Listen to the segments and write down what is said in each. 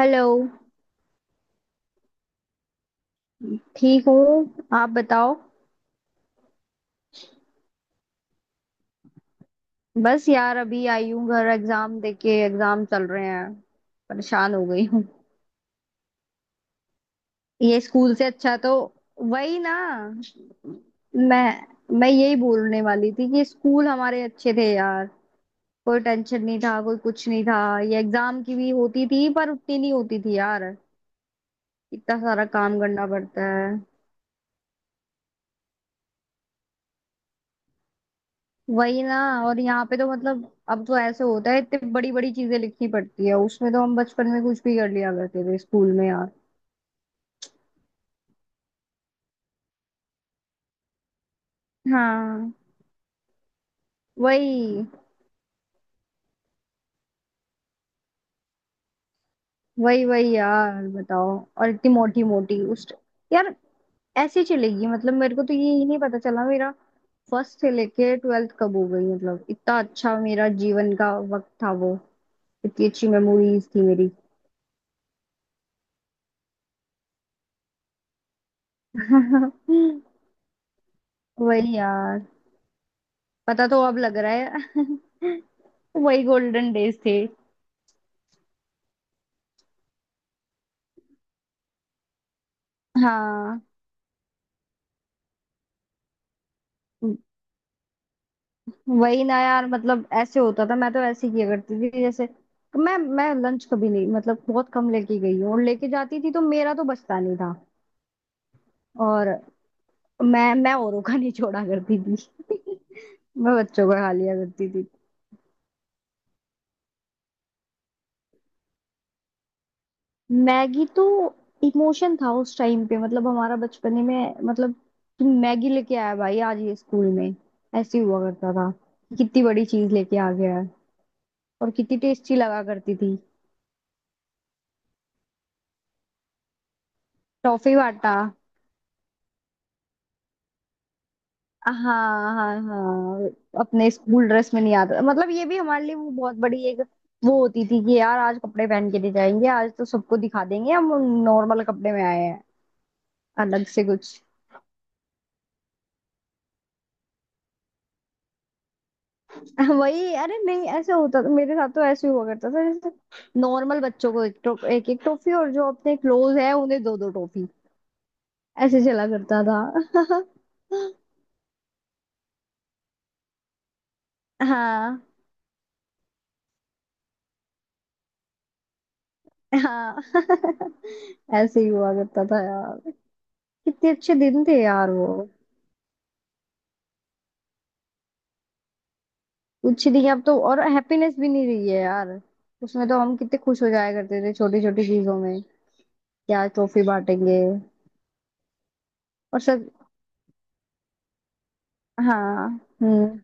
Hello. ठीक हूँ, आप बताओ। बस यार अभी आई हूँ घर, एग्जाम देके। एग्जाम चल रहे हैं, परेशान हो गई हूँ। ये स्कूल से अच्छा तो वही ना। मैं यही बोलने वाली थी कि स्कूल हमारे अच्छे थे यार। कोई टेंशन नहीं था, कोई कुछ नहीं था। ये एग्जाम की भी होती थी, पर उतनी नहीं होती थी यार। इतना सारा काम करना पड़ता है। वही ना। और यहाँ पे तो मतलब अब तो ऐसे होता है, इतनी बड़ी बड़ी चीजें लिखनी पड़ती है उसमें। तो हम बचपन में कुछ भी कर लिया करते थे स्कूल में यार। हाँ। वही वही वही यार, बताओ। और इतनी मोटी मोटी उस, यार ऐसी चलेगी मतलब! मेरे को तो ये ही नहीं पता चला, मेरा फर्स्ट से लेके ट्वेल्थ कब हो गई। मतलब इतना अच्छा मेरा जीवन का वक्त था वो, इतनी अच्छी मेमोरीज थी मेरी। वही यार। पता तो अब लग रहा है। वही गोल्डन डेज थे। हाँ वही ना यार। मतलब ऐसे होता था, मैं तो ऐसे किया करती थी, जैसे मैं लंच कभी नहीं, मतलब बहुत कम लेके गई हूँ, और लेके जाती थी तो मेरा तो बचता नहीं था। और मैं औरों का नहीं छोड़ा करती थी। मैं बच्चों का खा लिया करती थी। मैगी तो इमोशन था उस टाइम पे, मतलब हमारा बचपन ही में मतलब, कि मैगी लेके आया भाई आज ये स्कूल में। ऐसे हुआ करता था, कितनी बड़ी चीज लेके आ गया है। और कितनी टेस्टी लगा करती थी। टॉफी बांटा। हाँ, हाँ, हाँ। अपने स्कूल ड्रेस में नहीं आता, मतलब ये भी हमारे लिए वो बहुत बड़ी एक वो होती थी, कि यार आज कपड़े पहन के नहीं जाएंगे, आज तो सबको दिखा देंगे हम नॉर्मल कपड़े में आए हैं, अलग से कुछ। वही, अरे नहीं, ऐसे होता था मेरे साथ। तो ऐसे ही हुआ करता था, जैसे नॉर्मल बच्चों को एक टॉफी, और जो अपने क्लोज है उन्हें दो दो टॉफी। ऐसे चला करता था। हाँ। हाँ। ऐसे ही हुआ करता था यार। कितने अच्छे दिन थे यार वो। कुछ नहीं, अब तो और हैप्पीनेस भी नहीं रही है यार। उसमें तो हम कितने खुश हो जाया करते थे छोटी छोटी चीजों में, क्या ट्रॉफी बांटेंगे और सब। हाँ। हम्म।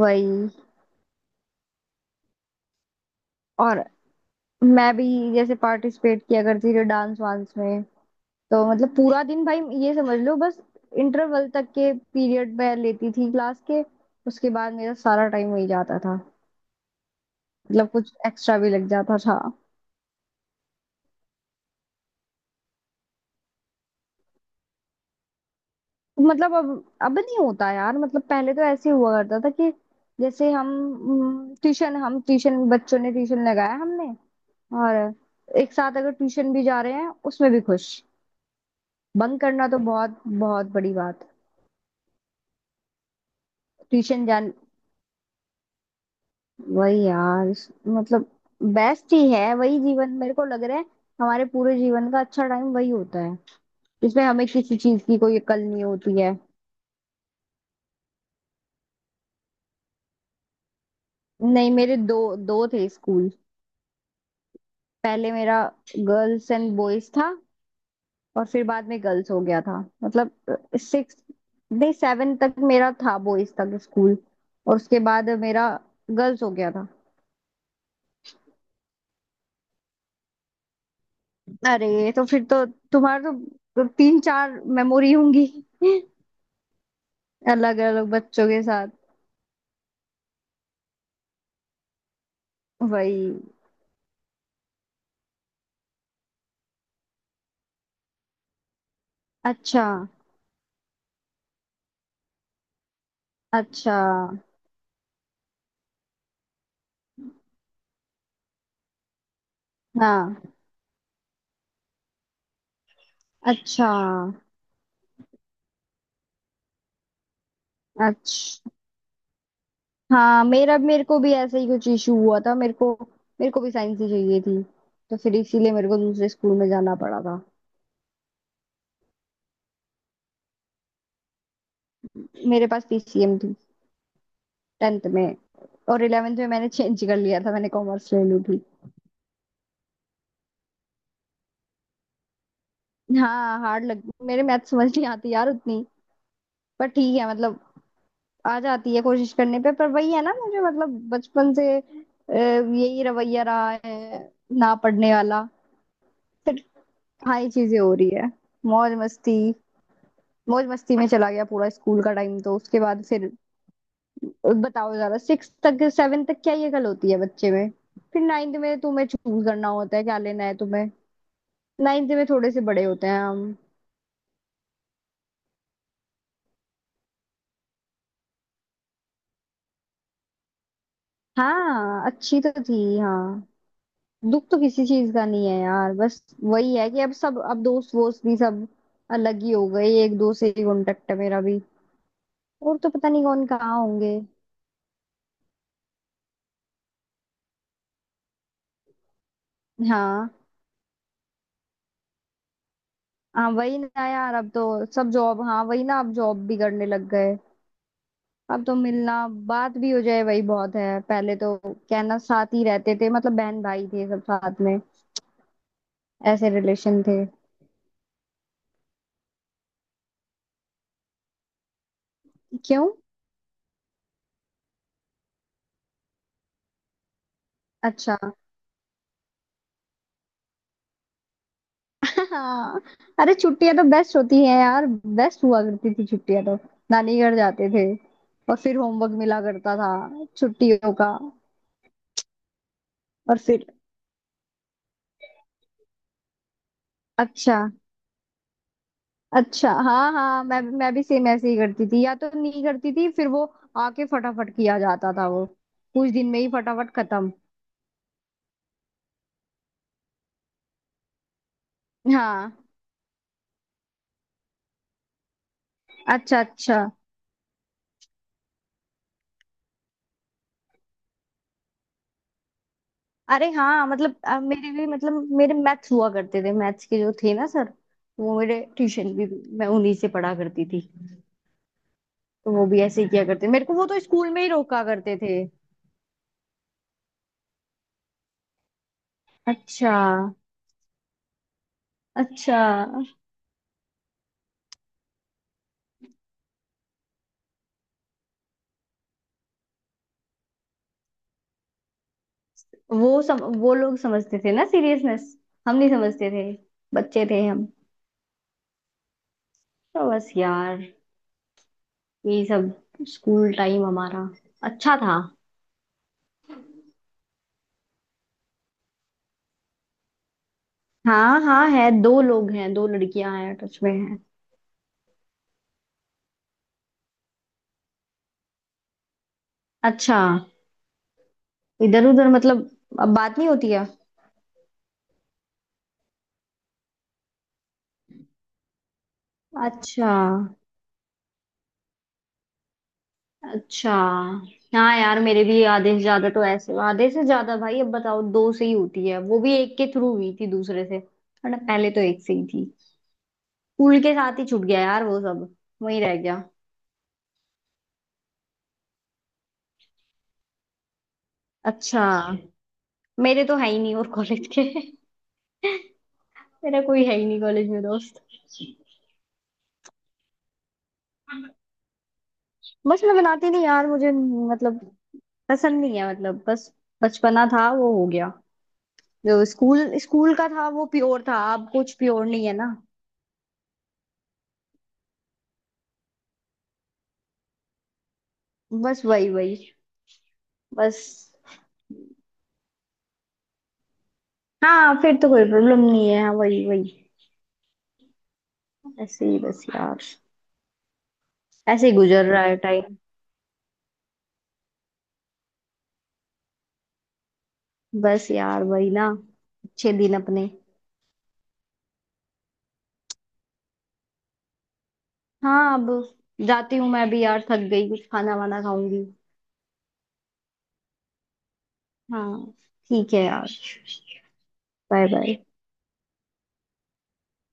वही। और मैं भी जैसे पार्टिसिपेट किया करती थी डांस वांस में, तो मतलब पूरा दिन भाई, ये समझ लो बस, इंटरवल तक के पीरियड में लेती थी क्लास के, उसके बाद मेरा सारा टाइम वही जाता था। मतलब कुछ एक्स्ट्रा भी लग जाता था। मतलब अब नहीं होता यार। मतलब पहले तो ऐसे हुआ करता था कि, जैसे हम ट्यूशन, हम ट्यूशन बच्चों ने ट्यूशन लगाया हमने, और एक साथ अगर ट्यूशन भी जा रहे हैं उसमें भी खुश। बंक करना तो बहुत बहुत बड़ी बात। ट्यूशन जान, वही यार मतलब बेस्ट ही है वही जीवन, मेरे को लग रहा है हमारे पूरे जीवन का अच्छा टाइम वही होता है, जिसमें हमें किसी चीज की कोई अकल नहीं होती है। नहीं, मेरे दो, दो थे स्कूल। पहले मेरा गर्ल्स एंड बॉयज था, और फिर बाद में गर्ल्स हो गया था। मतलब सिक्स, नहीं सेवन तक मेरा था बॉयज तक स्कूल, और उसके बाद मेरा गर्ल्स हो गया था। अरे तो फिर तो तुम्हारे तो तीन चार मेमोरी होंगी। अलग अलग बच्चों के साथ। वही। अच्छा। अच्छा। हाँ। अच्छा। अच्छा। हाँ मेरा, मेरे को भी ऐसा ही कुछ इशू हुआ था। मेरे को, मेरे को भी साइंस ही चाहिए थी, तो फिर इसीलिए मेरे को दूसरे स्कूल में जाना पड़ा था। मेरे पास पीसीएम थी टेंथ में, और इलेवेंथ में मैंने चेंज कर लिया था, मैंने कॉमर्स ले ली थी। हाँ हार्ड लग, मेरे मैथ समझ नहीं आती यार उतनी। पर ठीक है मतलब आ जाती है कोशिश करने पे, पर वही है ना, मुझे मतलब बचपन से यही रवैया रहा है, ना पढ़ने वाला। फिर हाँ ये चीजें हो रही है। मौज मस्ती, मौज मस्ती में चला गया पूरा स्कूल का टाइम, तो उसके बाद फिर बताओ जरा, सिक्स तक सेवन तक क्या ये कल होती है बच्चे में? फिर नाइन्थ में तुम्हें चूज करना होता है क्या लेना है तुम्हें। नाइन्थ में थोड़े से बड़े होते हैं हम। हाँ अच्छी तो थी हाँ। दुख तो किसी चीज का नहीं है यार, बस वही है कि अब सब, अब दोस्त वोस्त भी सब अलग ही हो गए। एक दो से ही कांटेक्ट है मेरा भी, और तो पता नहीं कौन कहाँ होंगे। हाँ। हाँ वही ना यार, अब तो सब जॉब, हाँ वही ना, अब जॉब भी करने लग गए। अब तो मिलना बात भी हो जाए वही बहुत है, पहले तो कहना साथ ही रहते थे मतलब बहन भाई थे सब साथ में, ऐसे रिलेशन थे। क्यों? अच्छा। हाँ। अरे छुट्टियां तो बेस्ट होती हैं यार। बेस्ट हुआ करती थी छुट्टियां तो। नानी घर जाते थे, और फिर होमवर्क मिला करता था छुट्टियों का। और फिर अच्छा, अच्छा। हाँ, हाँ, मैं भी सेम ऐसे ही करती थी, या तो नहीं करती थी फिर वो आके फटाफट किया जाता था, वो कुछ दिन में ही फटाफट खत्म। हाँ अच्छा, अच्छा, अरे हाँ मतलब मेरे भी मतलब मेरे मैथ्स हुआ करते थे, मैथ्स के जो थे ना सर, वो मेरे ट्यूशन भी, मैं उन्हीं से पढ़ा करती थी। तो वो भी ऐसे ही किया करते, मेरे को वो तो स्कूल में ही रोका करते थे। अच्छा। अच्छा। वो लोग समझते थे ना सीरियसनेस, हम नहीं समझते थे, बच्चे थे हम। तो बस यार यही सब, स्कूल टाइम हमारा अच्छा था। हाँ हाँ है, दो लोग हैं, दो लड़कियां हैं टच में हैं। अच्छा। इधर उधर मतलब अब बात नहीं होती है? अच्छा, अच्छा। हाँ यार मेरे भी आधे से ज्यादा तो ऐसे, आधे से ज्यादा भाई अब बताओ, दो से ही होती है, वो भी एक के थ्रू हुई थी दूसरे से, वरना पहले तो एक से ही थी। स्कूल के साथ ही छूट गया यार वो सब, वही रह गया। अच्छा। मेरे तो है ही नहीं और कॉलेज के। मेरा कोई है ही नहीं कॉलेज में दोस्त। बस मैं बनाती नहीं यार, मुझे मतलब पसंद नहीं है मतलब। बस बचपना था वो हो गया। जो स्कूल स्कूल का था वो प्योर था, अब कुछ प्योर नहीं है ना। बस वही वही बस। हाँ फिर तो कोई प्रॉब्लम नहीं है, हाँ वही वही। ऐसे ही बस यार, ऐसे ही गुजर रहा है टाइम। बस यार वही ना, अच्छे दिन अपने। हाँ अब जाती हूँ मैं भी यार, थक गई, कुछ खाना वाना खाऊंगी। हाँ ठीक है यार। Bye bye.